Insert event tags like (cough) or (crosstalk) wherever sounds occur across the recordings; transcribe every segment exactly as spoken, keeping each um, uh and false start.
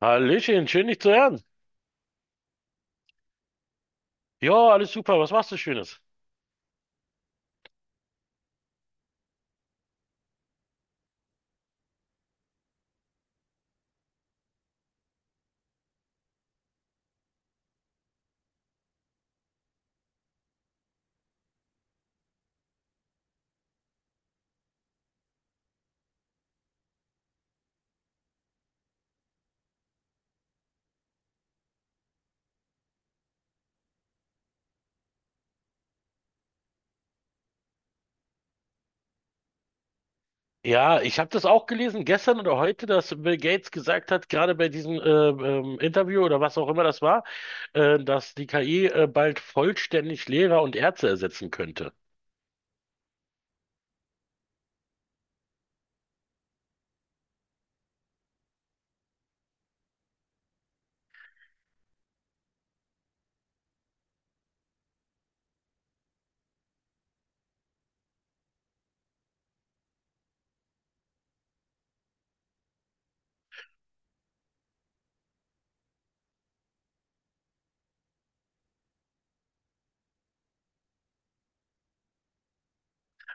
Hallöchen, schön dich zu hören. Ja, alles super, was machst du Schönes? Ja, ich habe das auch gelesen gestern oder heute, dass Bill Gates gesagt hat, gerade bei diesem äh, ähm, Interview oder was auch immer das war, äh, dass die K I äh, bald vollständig Lehrer und Ärzte ersetzen könnte.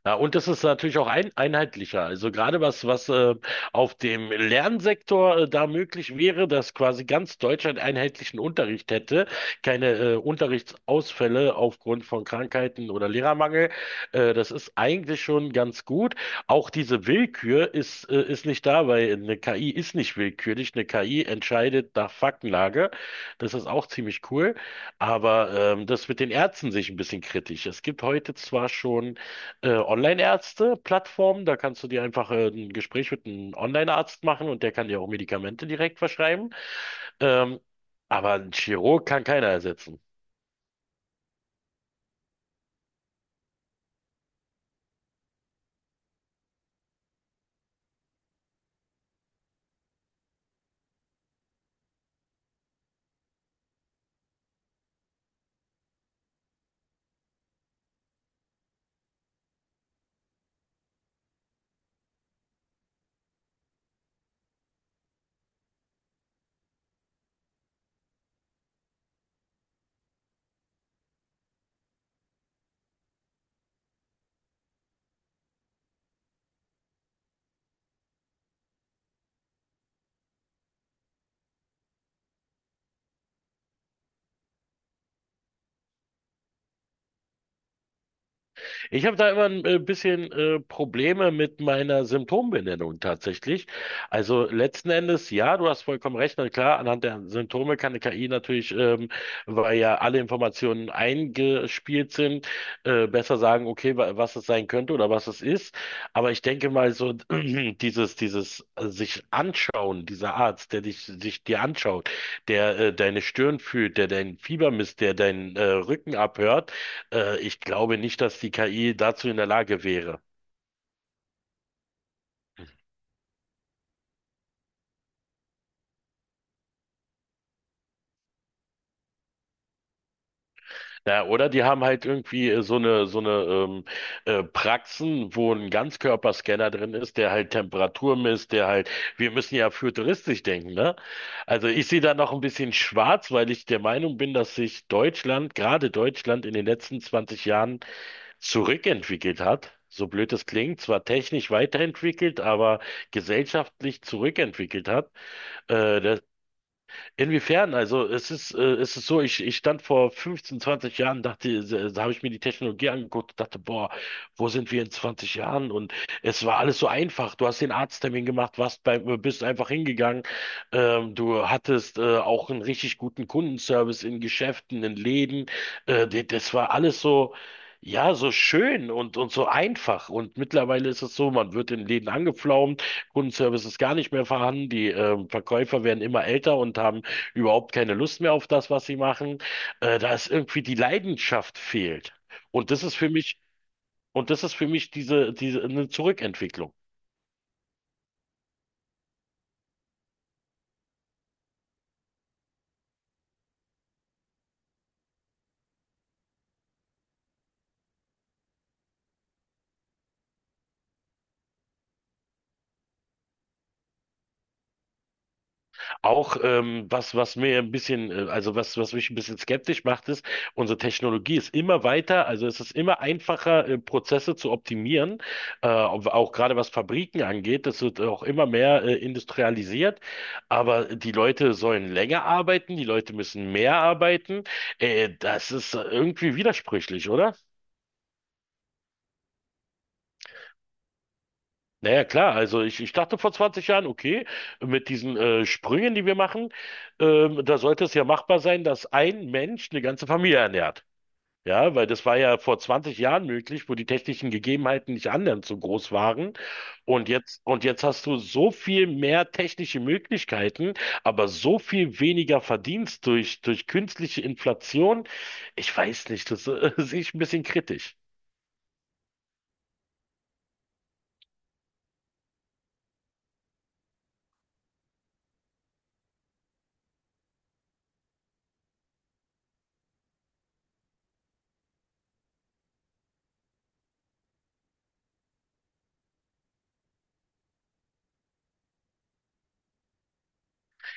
Ja, und das ist natürlich auch ein, einheitlicher. Also gerade was, was äh, auf dem Lernsektor äh, da möglich wäre, dass quasi ganz Deutschland einheitlichen Unterricht hätte, keine äh, Unterrichtsausfälle aufgrund von Krankheiten oder Lehrermangel. Äh, das ist eigentlich schon ganz gut. Auch diese Willkür ist, äh, ist nicht da, weil eine K I ist nicht willkürlich. Eine K I entscheidet nach Faktenlage. Das ist auch ziemlich cool. Aber ähm, das mit den Ärzten sehe ich ein bisschen kritisch. Es gibt heute zwar schon äh, Online-Ärzte-Plattformen. Da kannst du dir einfach äh, ein Gespräch mit einem Online-Arzt machen und der kann dir auch Medikamente direkt verschreiben. Ähm, aber ein Chirurg kann keiner ersetzen. Ich habe da immer ein äh, bisschen äh, Probleme mit meiner Symptombenennung tatsächlich. Also letzten Endes, ja, du hast vollkommen recht. Na klar, anhand der Symptome kann eine K I natürlich, ähm, weil ja alle Informationen eingespielt sind, äh, besser sagen, okay, wa- was es sein könnte oder was es ist. Aber ich denke mal so, (clears throat) dieses, dieses äh, sich anschauen, dieser Arzt, der dich, sich dir anschaut, der äh, deine Stirn fühlt, der dein Fieber misst, der deinen äh, Rücken abhört, äh, ich glaube nicht, dass die K I dazu in der Lage wäre. Naja, oder die haben halt irgendwie äh, so eine, so eine ähm, äh, Praxen, wo ein Ganzkörperscanner drin ist, der halt Temperatur misst, der halt, wir müssen ja futuristisch denken, ne? Also ich sehe da noch ein bisschen schwarz, weil ich der Meinung bin, dass sich Deutschland, gerade Deutschland, in den letzten zwanzig Jahren zurückentwickelt hat. So blöd es klingt, zwar technisch weiterentwickelt, aber gesellschaftlich zurückentwickelt hat. Äh, Inwiefern? Also es ist, äh, es ist so, ich, ich stand vor fünfzehn, zwanzig Jahren, dachte, da, da habe ich mir die Technologie angeguckt und dachte, boah, wo sind wir in zwanzig Jahren? Und es war alles so einfach. Du hast den Arzttermin gemacht, warst beim, bist einfach hingegangen. Ähm, du hattest äh, auch einen richtig guten Kundenservice in Geschäften, in Läden. Äh, de- das war alles so. Ja, so schön und, und so einfach. Und mittlerweile ist es so, man wird in Läden angepflaumt, Kundenservice ist gar nicht mehr vorhanden, die ähm, Verkäufer werden immer älter und haben überhaupt keine Lust mehr auf das, was sie machen. Äh, da ist irgendwie die Leidenschaft fehlt. Und das ist für mich, und das ist für mich diese, diese, eine Zurückentwicklung. Auch ähm, was, was mir ein bisschen, äh, also was, was mich ein bisschen skeptisch macht, ist, unsere Technologie ist immer weiter, also es ist immer einfacher, äh, Prozesse zu optimieren, äh, ob- auch gerade was Fabriken angeht, das wird auch immer mehr äh, industrialisiert, aber die Leute sollen länger arbeiten, die Leute müssen mehr arbeiten, äh, das ist irgendwie widersprüchlich, oder? Naja, klar, also ich, ich dachte vor zwanzig Jahren, okay, mit diesen äh, Sprüngen, die wir machen, ähm, da sollte es ja machbar sein, dass ein Mensch eine ganze Familie ernährt. Ja, weil das war ja vor zwanzig Jahren möglich, wo die technischen Gegebenheiten nicht annähernd so groß waren. Und jetzt, und jetzt hast du so viel mehr technische Möglichkeiten, aber so viel weniger Verdienst durch, durch künstliche Inflation. Ich weiß nicht, das äh, (laughs) sehe ich ein bisschen kritisch.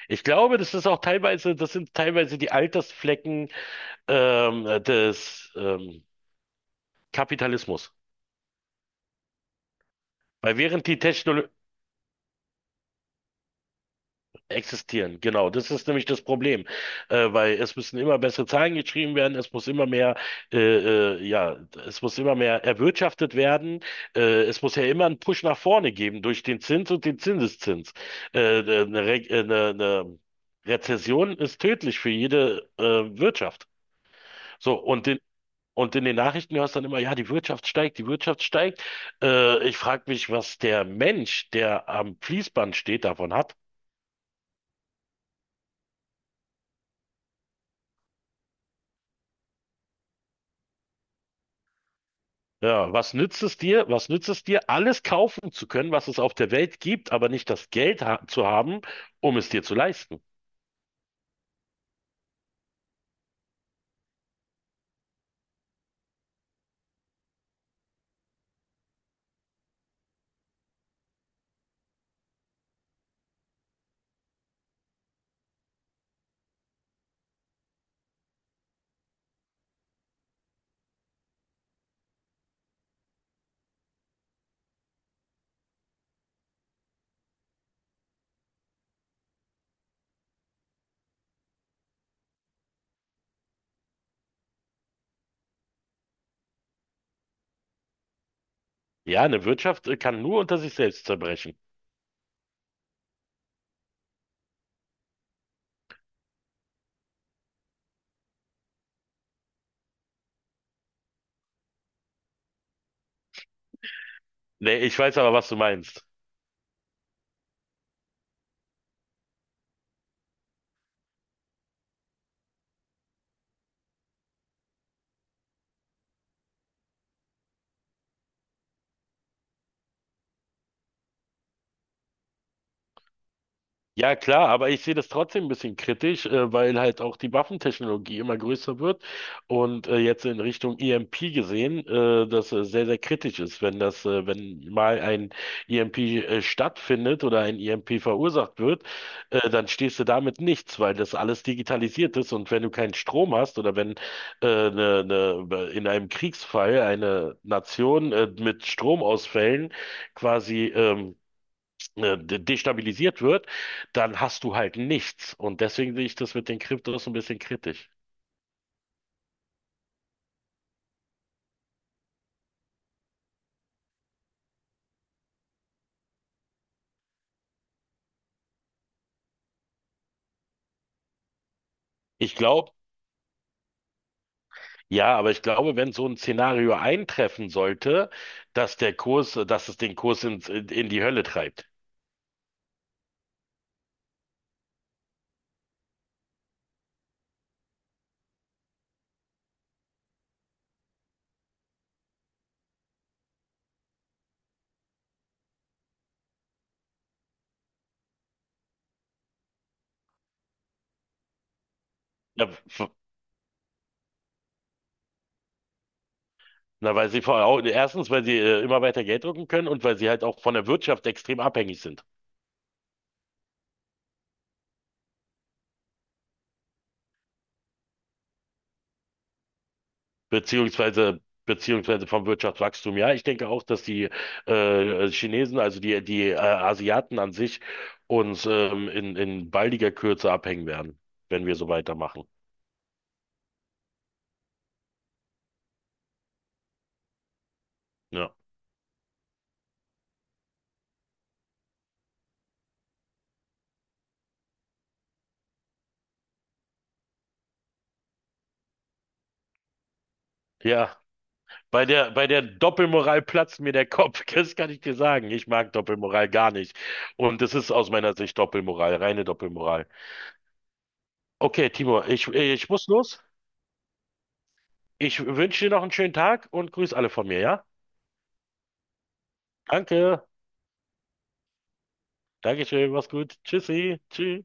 Ich glaube, das ist auch teilweise, das sind teilweise die Altersflecken, ähm, des ähm, Kapitalismus. Weil während die Technologie existieren, genau, das ist nämlich das Problem. Äh, weil es müssen immer bessere Zahlen geschrieben werden, es muss immer mehr, äh, äh, ja, es muss immer mehr erwirtschaftet werden, äh, es muss ja immer einen Push nach vorne geben durch den Zins und den Zinseszins. Äh, äh, eine, Re äh, eine, eine Rezession ist tödlich für jede äh, Wirtschaft. So, und den Und in den Nachrichten hörst du dann immer, ja, die Wirtschaft steigt, die Wirtschaft steigt. Äh, ich frage mich, was der Mensch, der am Fließband steht, davon hat. Ja, was nützt es dir? Was nützt es dir, alles kaufen zu können, was es auf der Welt gibt, aber nicht das Geld ha zu haben, um es dir zu leisten? Ja, eine Wirtschaft äh, kann nur unter sich selbst zerbrechen. Nee, ich weiß aber, was du meinst. Ja, klar, aber ich sehe das trotzdem ein bisschen kritisch, äh, weil halt auch die Waffentechnologie immer größer wird und äh, jetzt in Richtung E M P gesehen, äh, das äh, sehr, sehr kritisch ist, wenn das, äh, wenn mal ein E M P äh, stattfindet oder ein E M P verursacht wird, äh, dann stehst du damit nichts, weil das alles digitalisiert ist und wenn du keinen Strom hast oder wenn äh, ne, ne, in einem Kriegsfall eine Nation äh, mit Stromausfällen quasi ähm, äh, de- destabilisiert wird, dann hast du halt nichts. Und deswegen sehe ich das mit den Kryptos ein bisschen kritisch. Ich glaube, ja, aber ich glaube, wenn so ein Szenario eintreffen sollte, dass der Kurs, äh, dass es den Kurs in, in, die Hölle treibt. Na, f- na, weil sie vor, au- erstens, weil sie äh, immer weiter Geld drucken können und weil sie halt auch von der Wirtschaft extrem abhängig sind. beziehungsweise beziehungsweise vom Wirtschaftswachstum. Ja, ich denke auch, dass die äh, Chinesen, also die die äh, Asiaten an sich, uns ähm, in in baldiger Kürze abhängen werden, wenn wir so weitermachen. Ja, ja. Bei der bei der Doppelmoral platzt mir der Kopf. (laughs) Das kann ich dir sagen. Ich mag Doppelmoral gar nicht. Und es ist aus meiner Sicht Doppelmoral, reine Doppelmoral. Okay, Timo, ich ich muss los. Ich wünsche dir noch einen schönen Tag und grüß alle von mir, ja? Danke. Dankeschön, mach's gut. Tschüssi. Tschüss.